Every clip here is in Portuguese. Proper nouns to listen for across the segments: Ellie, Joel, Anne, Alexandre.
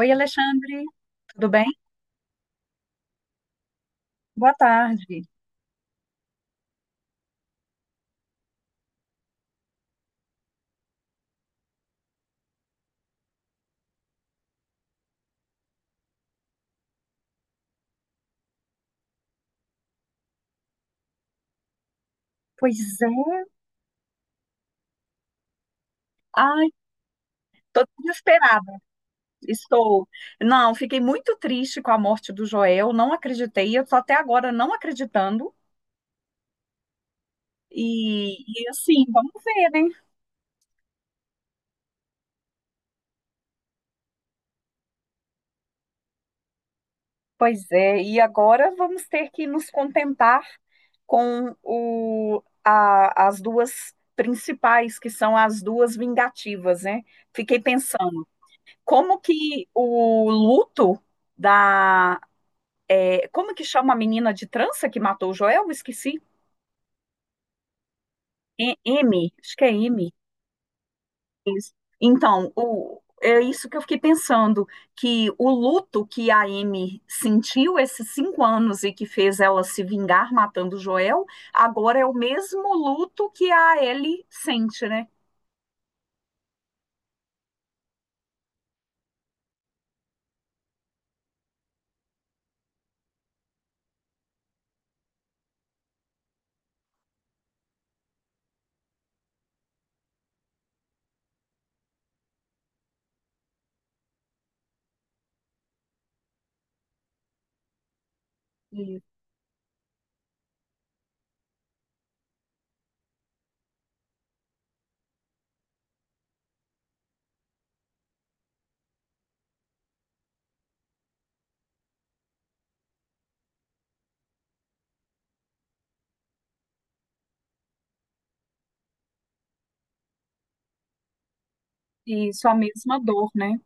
Oi, Alexandre, tudo bem? Boa tarde. Pois é, ai, tô desesperada. Estou. Não, fiquei muito triste com a morte do Joel, não acreditei, eu tô até agora não acreditando. E, e assim, vamos ver, né? Pois é, e agora vamos ter que nos contentar com as duas principais, que são as duas vingativas, né? Fiquei pensando, como que o luto é, como que chama a menina de trança que matou o Joel? Eu esqueci. M, acho que é M. Então, é isso que eu fiquei pensando, que o luto que a M sentiu esses cinco anos e que fez ela se vingar matando o Joel, agora é o mesmo luto que a Ellie sente, né? E, e isso, a mesma dor, né?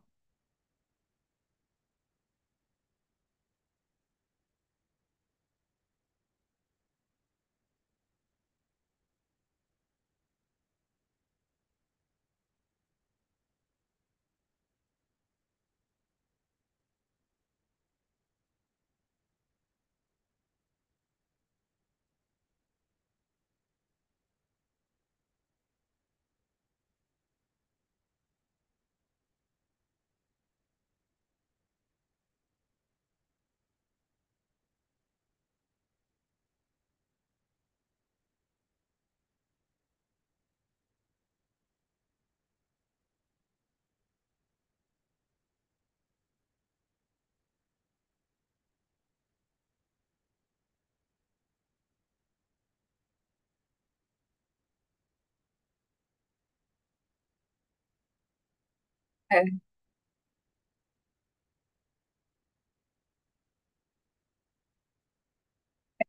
É,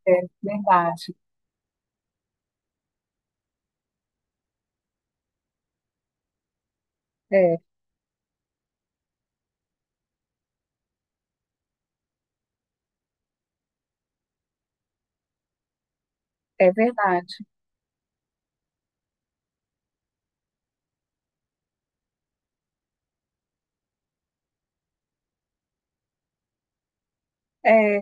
é verdade. É, é verdade. É,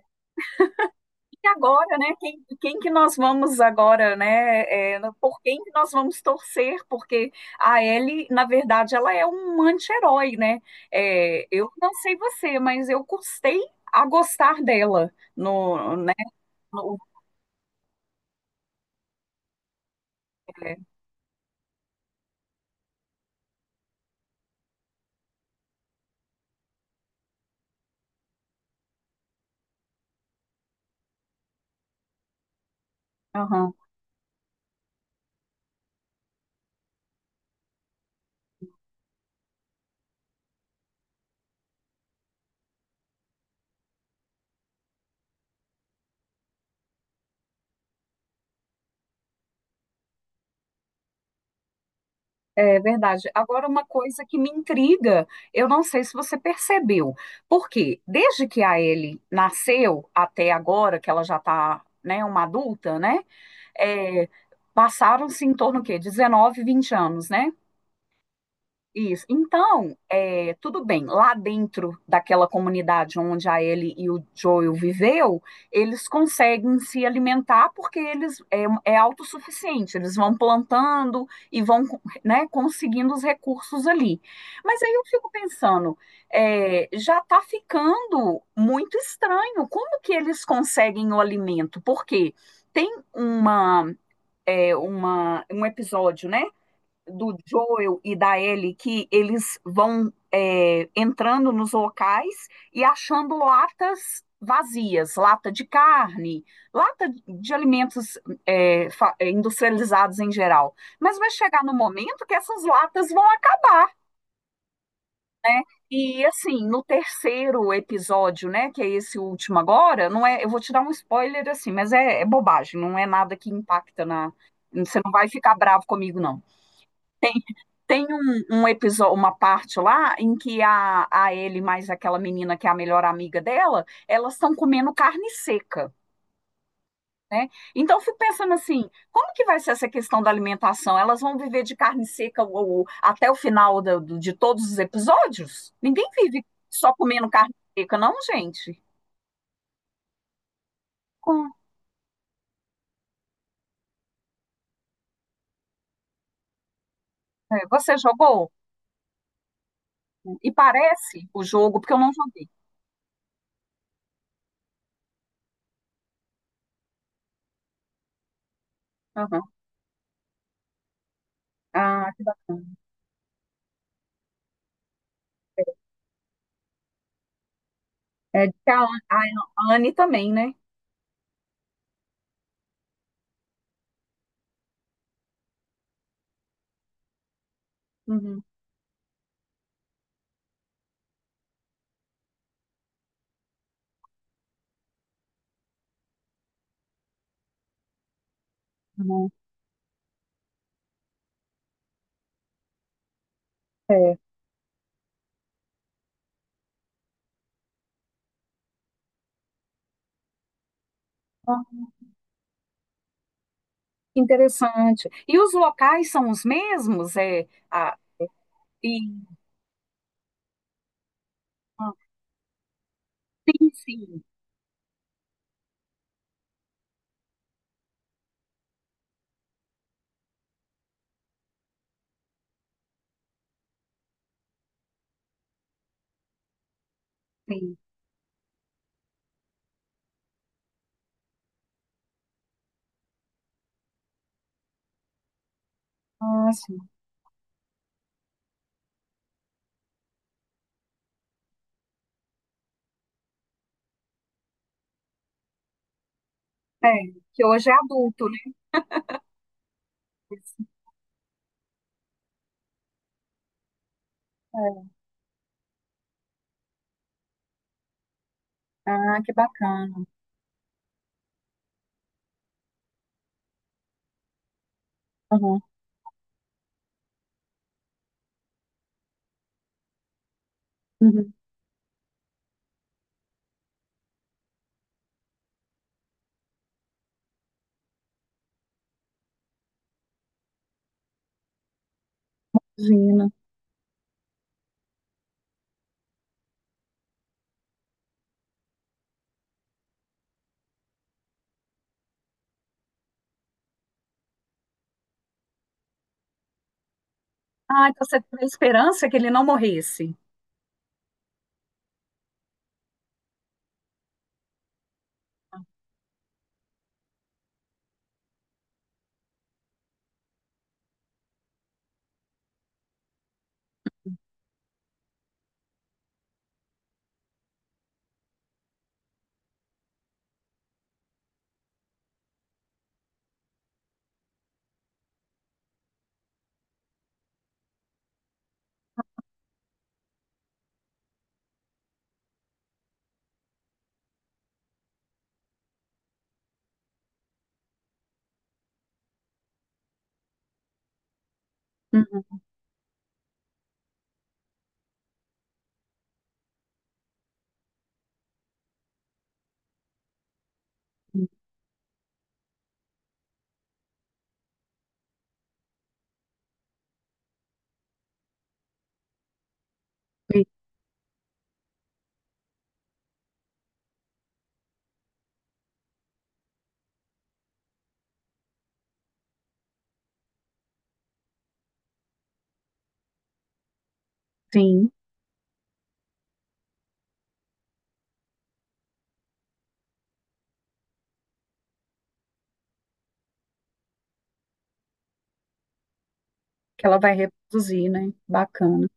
e agora, né? Quem que nós vamos agora, né? Por quem que nós vamos torcer? Porque a Ellie, na verdade, ela é um anti-herói, né? É, eu não sei você, mas eu custei a gostar dela no, né? no- é, aham, é verdade. Agora, uma coisa que me intriga, eu não sei se você percebeu, porque desde que a Ellie nasceu até agora, que ela já está, né, uma adulta, né? é, passaram-se em torno o quê? 19, 20 anos, né? Isso. Então, é, tudo bem, lá dentro daquela comunidade onde a Ellie e o Joel viveu, eles conseguem se alimentar porque eles é autossuficiente, eles vão plantando e vão, né, conseguindo os recursos ali. Mas aí eu fico pensando, é, já está ficando muito estranho, como que eles conseguem o alimento? Porque tem uma um episódio, né? Do Joel e da Ellie, que eles vão entrando nos locais e achando latas vazias, lata de carne, lata de alimentos é, industrializados em geral. Mas vai chegar no momento que essas latas vão acabar, né? E assim, no terceiro episódio, né, que é esse último agora, não é, eu vou te dar um spoiler assim, mas é bobagem, não é nada que impacta na, você não vai ficar bravo comigo não. Tem um episódio, uma parte lá em que a Ellie mais aquela menina que é a melhor amiga dela, elas estão comendo carne seca, né? Então, eu fico pensando assim, como que vai ser essa questão da alimentação? Elas vão viver de carne seca até o final de todos os episódios? Ninguém vive só comendo carne seca, não, gente. Com- você jogou? E parece o jogo, porque eu não joguei. Aham. Ah, que bacana. É, diz que a Anne também, né? Uhum. Uhum. É. Ah, que interessante. E os locais são os mesmos? E, ah, sim, sim, sim. Ah, é, que hoje é adulto, né? Isso. É. Ah, que bacana. Uhum. Uhum. Imagina. Ah, então você tem a esperança que ele não morresse. Uhum. E- Sim, que ela vai reproduzir, né? Bacana.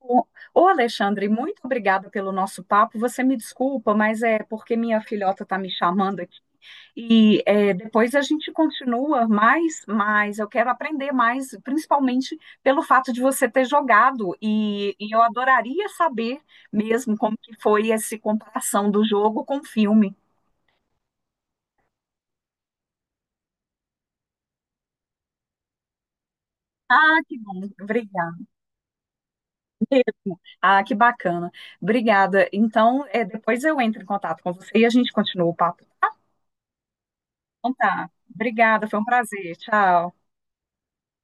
Ô, ô, Alexandre, muito obrigada pelo nosso papo. Você me desculpa, mas é porque minha filhota está me chamando aqui. E é, depois a gente continua mais. Eu quero aprender mais, principalmente pelo fato de você ter jogado. E eu adoraria saber mesmo como que foi essa comparação do jogo com o filme. Ah, que bom, obrigada. Ah, que bacana. Obrigada. Então, é, depois eu entro em contato com você e a gente continua o papo. Então tá, obrigada, foi um prazer. Tchau.